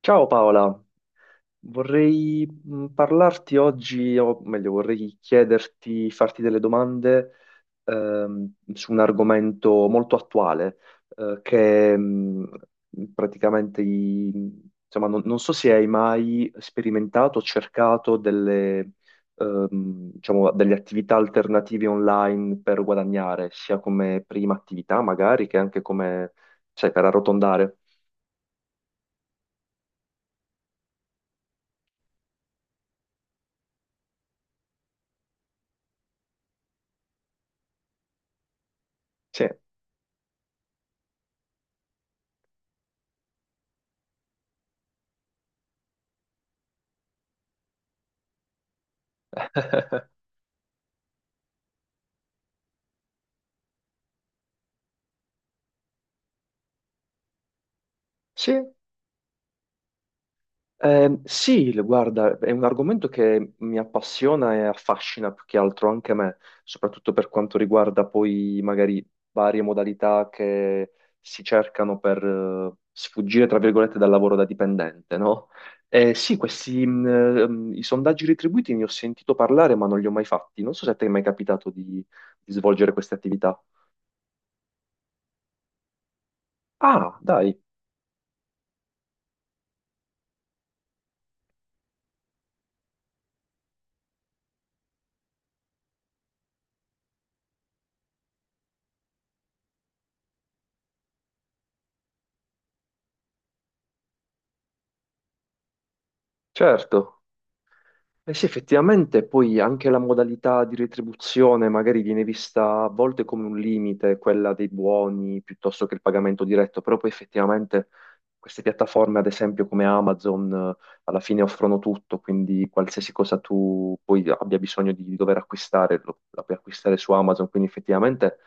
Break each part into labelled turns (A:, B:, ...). A: Ciao Paola, vorrei parlarti oggi, o meglio, vorrei chiederti, farti delle domande su un argomento molto attuale, che praticamente, insomma, non so se hai mai sperimentato o cercato delle, diciamo, delle attività alternative online per guadagnare, sia come prima attività magari che anche come, sai, per arrotondare. Sì, sì. Sì, guarda, è un argomento che mi appassiona e affascina più che altro anche me, soprattutto per quanto riguarda poi magari varie modalità che si cercano per sfuggire, tra virgolette, dal lavoro da dipendente, no? Sì, questi i sondaggi retribuiti ne ho sentito parlare, ma non li ho mai fatti. Non so se a te è mai capitato di svolgere queste attività. Ah, dai, certo. Eh sì, effettivamente poi anche la modalità di retribuzione magari viene vista a volte come un limite, quella dei buoni piuttosto che il pagamento diretto, però poi effettivamente queste piattaforme, ad esempio come Amazon, alla fine offrono tutto, quindi qualsiasi cosa tu poi abbia bisogno di dover acquistare, lo, la puoi acquistare su Amazon, quindi effettivamente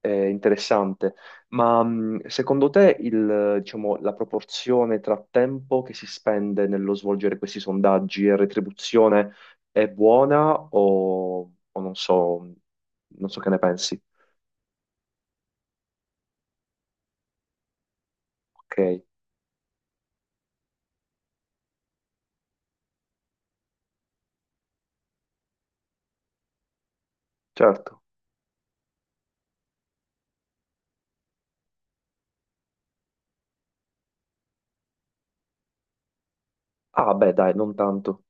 A: interessante. Ma secondo te il, diciamo, la proporzione tra tempo che si spende nello svolgere questi sondaggi e retribuzione è buona o non so, non so che ne pensi? Ok, certo. Ah, beh, dai, non tanto.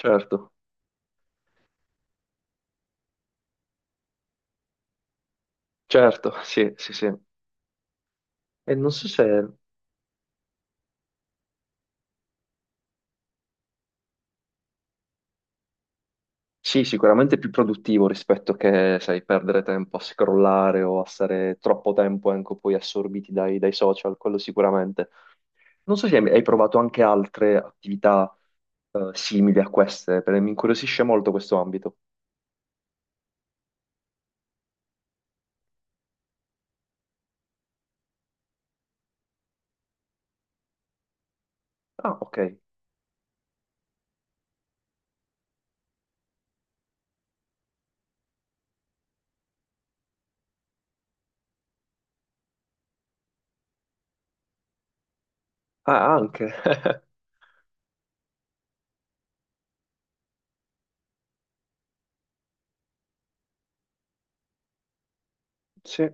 A: Certo, certo, sì, sì, sì. E non so se... Sì, sicuramente è più produttivo rispetto che, sai, perdere tempo a scrollare o a stare troppo tempo anche poi assorbiti dai, dai social, quello sicuramente. Non so se hai provato anche altre attività simili a queste, perché mi incuriosisce molto questo ambito. Ah, ok. Ah, anche. Sì.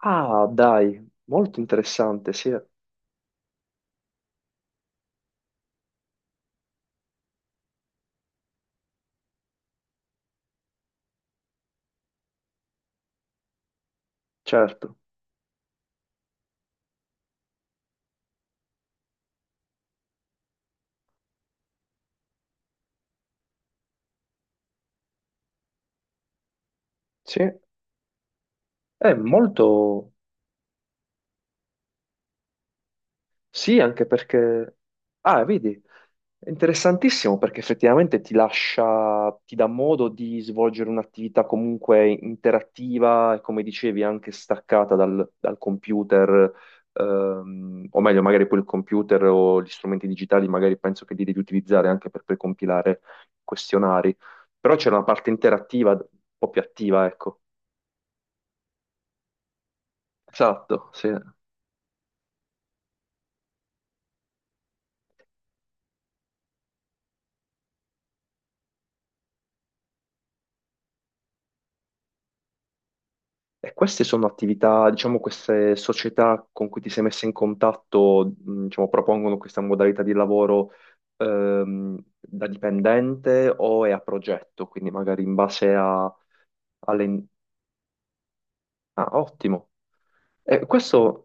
A: Ah, dai, molto interessante, sì, certo. Sì, è molto... Sì, anche perché... Ah, vedi, è interessantissimo perché effettivamente ti lascia, ti dà modo di svolgere un'attività comunque interattiva e come dicevi anche staccata dal, dal computer, o meglio magari poi il computer o gli strumenti digitali magari penso che li devi utilizzare anche per precompilare questionari, però c'è una parte interattiva un po' più attiva, ecco. Esatto, sì. E queste sono attività, diciamo, queste società con cui ti sei messa in contatto, diciamo, propongono questa modalità di lavoro da dipendente o è a progetto, quindi magari in base a, alle... Ah, ottimo. E questo...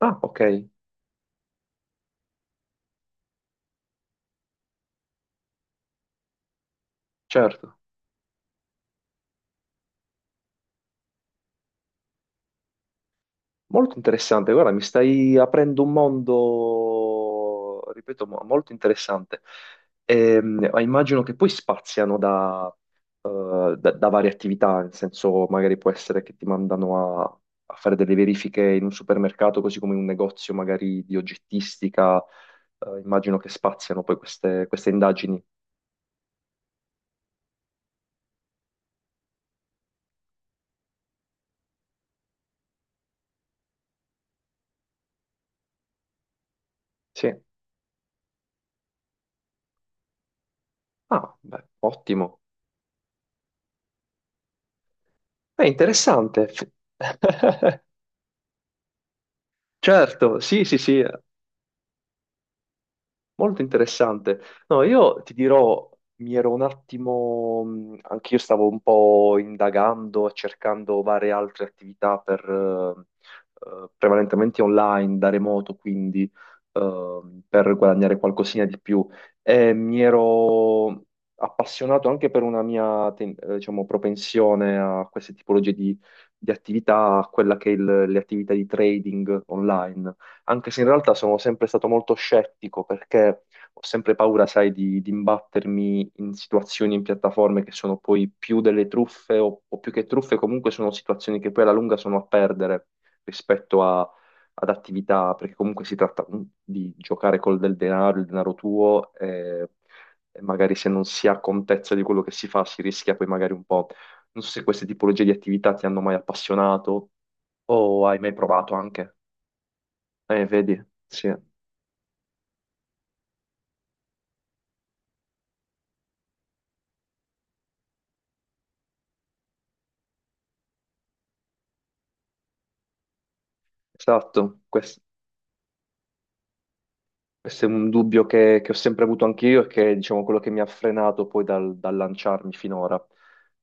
A: Ah, ok, certo. Molto interessante. Guarda, mi stai aprendo un mondo, ripeto, molto interessante. Ma immagino che poi spaziano da da varie attività, nel senso magari può essere che ti mandano a, a fare delle verifiche in un supermercato, così come in un negozio magari di oggettistica, immagino che spaziano poi queste, queste indagini. Sì. Ah, beh, ottimo. È interessante. Certo, sì, sì, sì. Molto interessante. No, io ti dirò, mi ero un attimo, anch'io stavo un po' indagando, cercando varie altre attività per, prevalentemente online, da remoto, quindi per guadagnare qualcosina di più. E mi ero appassionato anche per una mia, diciamo, propensione a queste tipologie di attività, a quella che è le attività di trading online anche se in realtà sono sempre stato molto scettico perché ho sempre paura, sai, di imbattermi in situazioni, in piattaforme che sono poi più delle truffe o più che truffe, comunque sono situazioni che poi alla lunga sono a perdere rispetto a- ad attività, perché comunque si tratta di giocare col del denaro, il denaro tuo, e magari se non si ha contezza di quello che si fa si rischia poi magari un po'. Non so se queste tipologie di attività ti hanno mai appassionato o hai mai provato anche. Vedi, sì. Esatto, questo, è un dubbio che ho sempre avuto anch'io e che è, diciamo, quello che mi ha frenato poi dal, dal lanciarmi finora.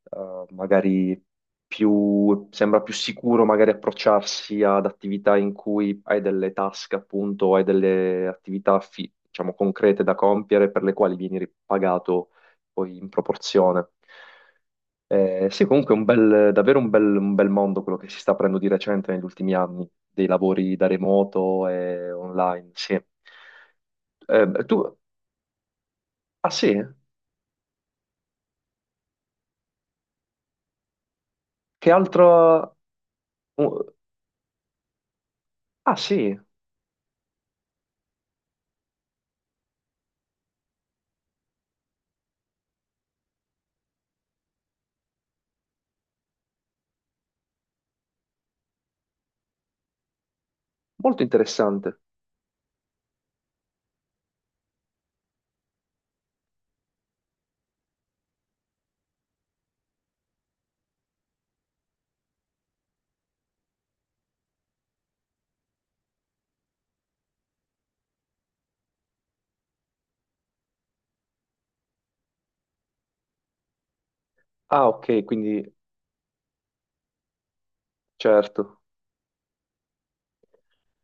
A: Magari più, sembra più sicuro magari approcciarsi ad attività in cui hai delle task, appunto, o hai delle attività, diciamo, concrete da compiere per le quali vieni ripagato poi in proporzione. Sì, comunque è un bel- davvero un bel mondo quello che si sta aprendo di recente negli ultimi anni, dei lavori da remoto e online, sì. Tu, ah sì, che altro... uh, ah sì, molto interessante. Ah ok, quindi certo.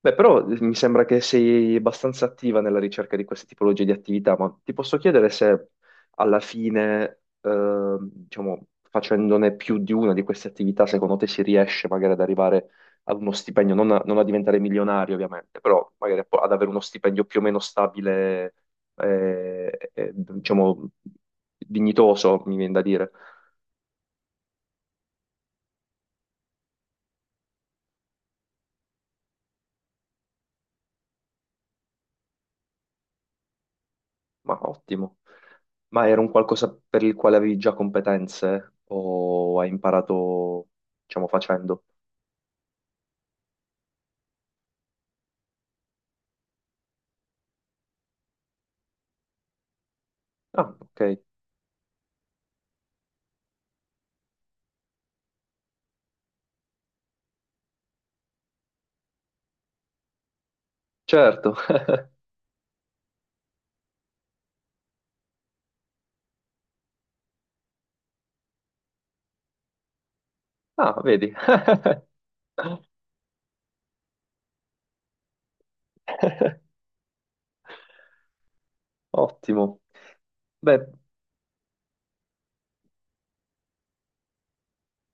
A: Beh, però mi sembra che sei abbastanza attiva nella ricerca di queste tipologie di attività, ma ti posso chiedere se alla fine, diciamo, facendone più di una di queste attività, secondo te si riesce magari ad arrivare ad uno stipendio, non a, non a diventare milionario ovviamente, però magari ad avere uno stipendio più o meno stabile, diciamo, dignitoso, mi viene da dire. Ma ottimo. Ma era un qualcosa per il quale avevi già competenze o hai imparato, diciamo, facendo? Ah, ok. Certo. Ah, vedi. Ottimo. Beh,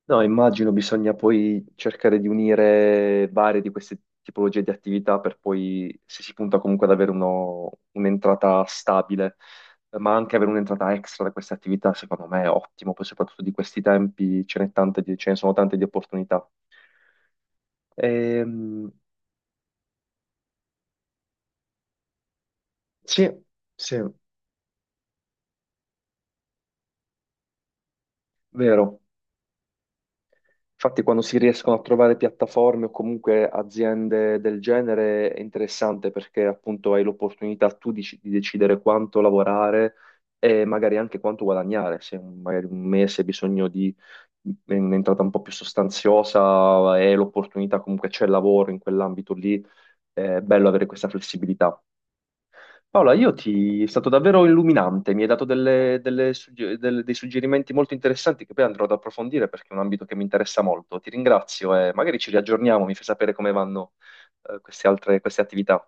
A: no, immagino bisogna poi cercare di unire varie di queste tipologie di attività per poi, se si punta comunque ad avere un'entrata stabile, ma anche avere un'entrata extra da queste attività, secondo me è ottimo, poi soprattutto di questi tempi ce n'è tante di- ce ne sono tante di opportunità. Ehm, sì, sì, vero. Infatti, quando si riescono a trovare piattaforme o comunque aziende del genere è interessante perché appunto hai l'opportunità tu di decidere quanto lavorare e magari anche quanto guadagnare. Se un- magari un mese hai bisogno di un'entrata un po' più sostanziosa e l'opportunità comunque c'è il lavoro in quell'ambito lì, è bello avere questa flessibilità. Paola, io ti... è stato davvero illuminante, mi hai dato delle- delle sugge- del- dei suggerimenti molto interessanti che poi andrò ad approfondire perché è un ambito che mi interessa molto. Ti ringrazio e magari ci riaggiorniamo, mi fai sapere come vanno, queste altre, queste attività.